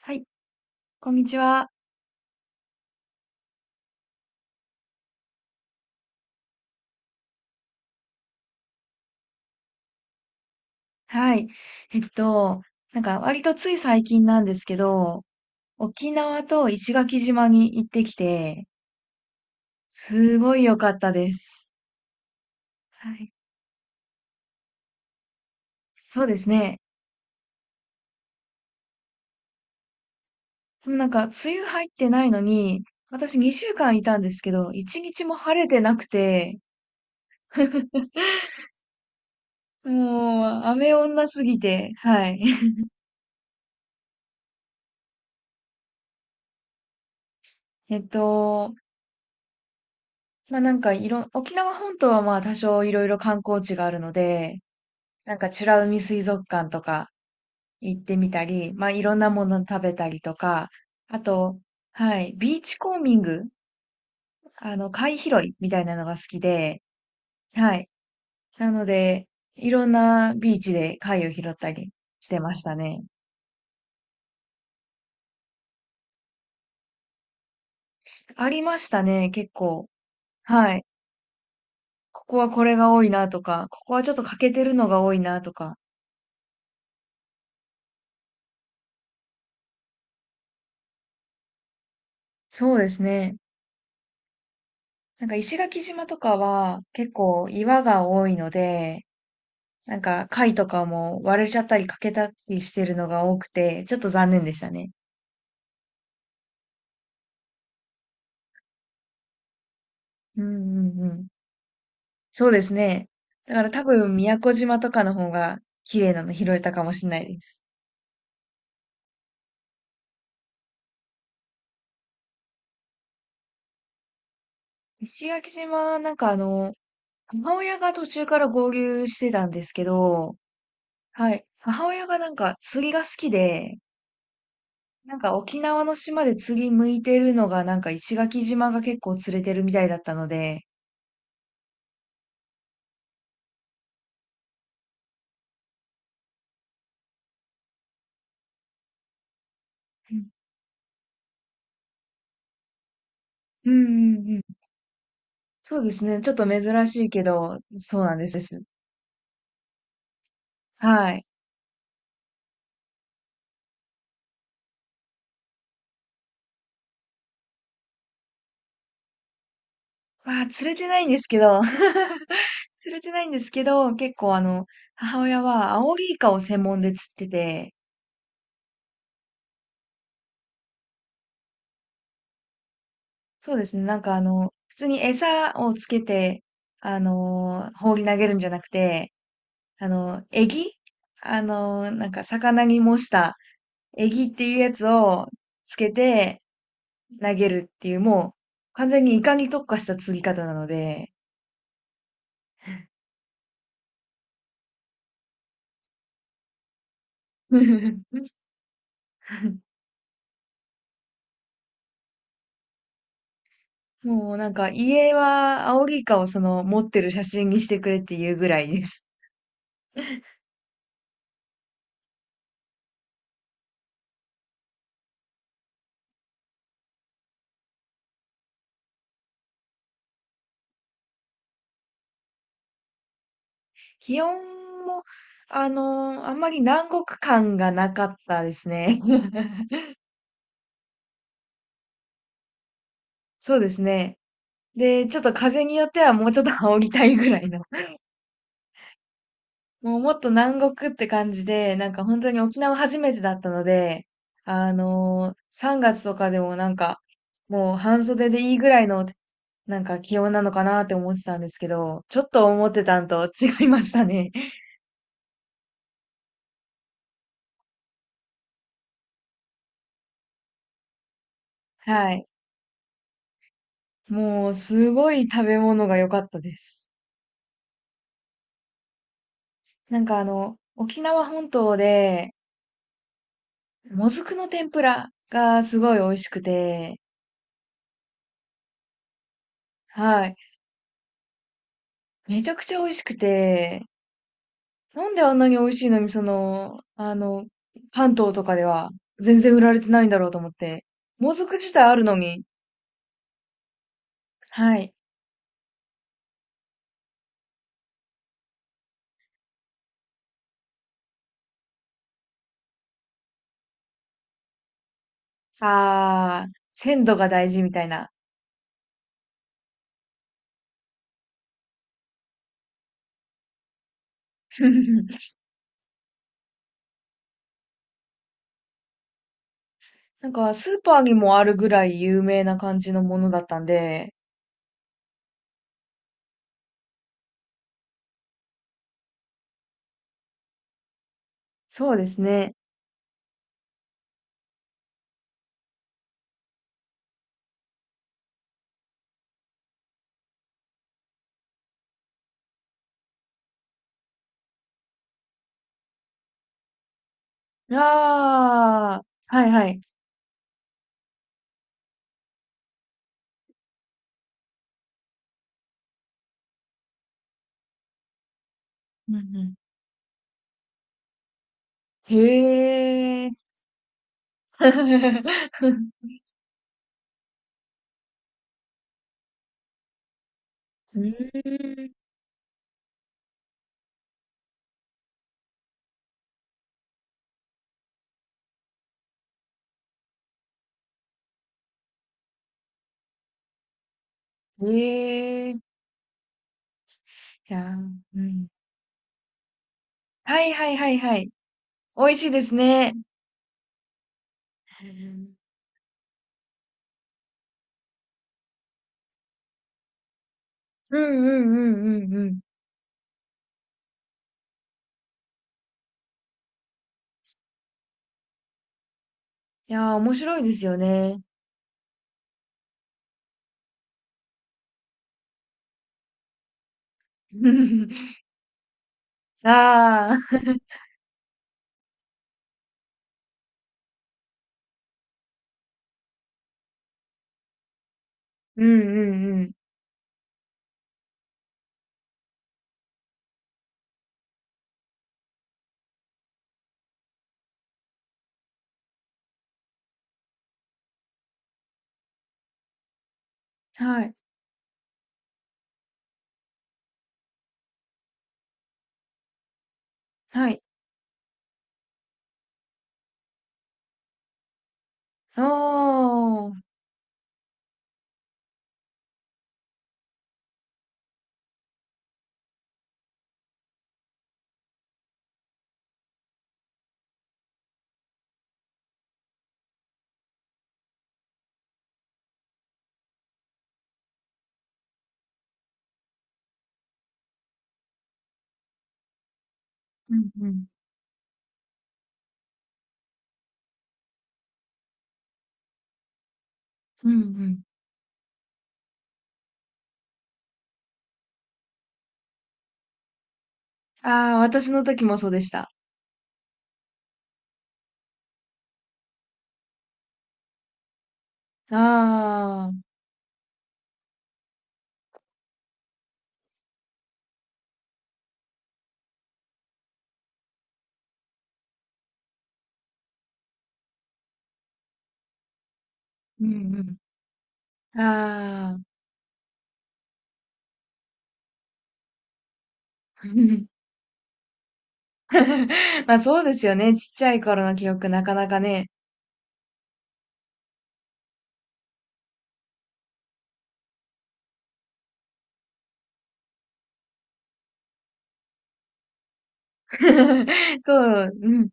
はい、こんにちは。はい。えっと、なんか割とつい最近なんですけど、沖縄と石垣島に行ってきて、すごい良かったです。はい。そうですね。でもなんか梅雨入ってないのに、私2週間いたんですけど、1日も晴れてなくて、もう雨女すぎて、はい。えっと、まあ、なんかいろ、沖縄本島はまあ多少いろいろ観光地があるので、なんか美ら海水族館とか、行ってみたり、まあ、いろんなもの食べたりとか、あと、はい、ビーチコーミング、あの、貝拾いみたいなのが好きで、はい。なので、いろんなビーチで貝を拾ったりしてましたね。ありましたね、結構。はい。ここはこれが多いなとか、ここはちょっと欠けてるのが多いなとか。そうですね。なんか石垣島とかは結構岩が多いので、なんか貝とかも割れちゃったり欠けたりしてるのが多くて、ちょっと残念でしたね。うんうんうん。そうですね。だから多分宮古島とかの方が綺麗なの拾えたかもしれないです。石垣島、なんかあの、母親が途中から合流してたんですけど、はい。母親がなんか釣りが好きで、なんか沖縄の島で釣り向いてるのがなんか石垣島が結構釣れてるみたいだったので、うんうんうん、そうですね。ちょっと珍しいけど、そうなんです。です、はい。まあ、釣れてないんですけど、釣れてないんですけど、結構あの、母親はアオリイカを専門で釣ってて、そうですね。なんかあの、普通に餌をつけて、放り投げるんじゃなくて、あの、エギあの、なんか魚に模したエギっていうやつをつけて投げるっていう、もう完全にイカに特化した釣り方なので、もうなんか家はアオリイカをその持ってる写真にしてくれっていうぐらいです。気温も、あんまり南国感がなかったですね。そうですね。で、ちょっと風によってはもうちょっと煽りたいぐらいの。もうもっと南国って感じで、なんか本当に沖縄初めてだったので、あのー、3月とかでもなんか、もう半袖でいいぐらいの、なんか気温なのかなって思ってたんですけど、ちょっと思ってたんと違いましたね。はい。もう、すごい食べ物が良かったです。なんかあの、沖縄本島で、もずくの天ぷらがすごい美味しくて、はい。めちゃくちゃ美味しくて、なんであんなに美味しいのに、その、あの、関東とかでは全然売られてないんだろうと思って。もずく自体あるのに、はい。あー、鮮度が大事みたいな。なんか、スーパーにもあるぐらい有名な感じのものだったんで、そうですね。ああ、はいはい。うんうん。へえ。うーん。へえ。いや、うん。はいはいはいはい。美味しいですね。うんうんうんうんうん。いやー、面白いですよね。ああ、うんうんうん。はい、はい。おー。うんうん。うんうん。ああ、私の時もそうでした。ああ、うんうん。ああ。まあ、そうですよね。ちっちゃい頃の記憶なかなかね。そう、うん、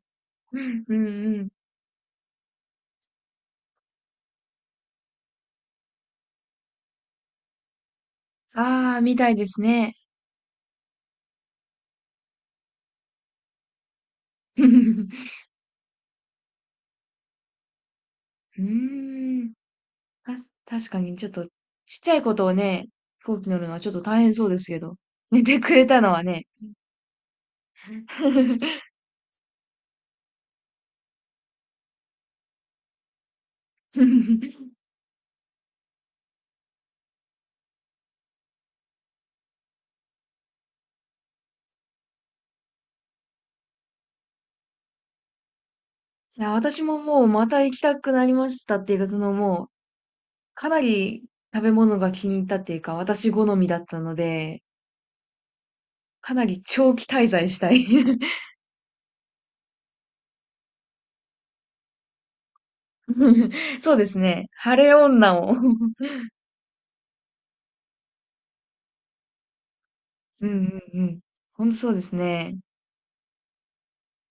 うんうん。ああ、みたいですね。うーん。確かにちょっと、ちっちゃいことをね、飛行機乗るのはちょっと大変そうですけど。寝てくれたのはね。いや、私ももうまた行きたくなりましたっていうか、そのもう、かなり食べ物が気に入ったっていうか、私好みだったので、かなり長期滞在したい。そうですね。晴れ女を うんうんうん。ほんとそうですね。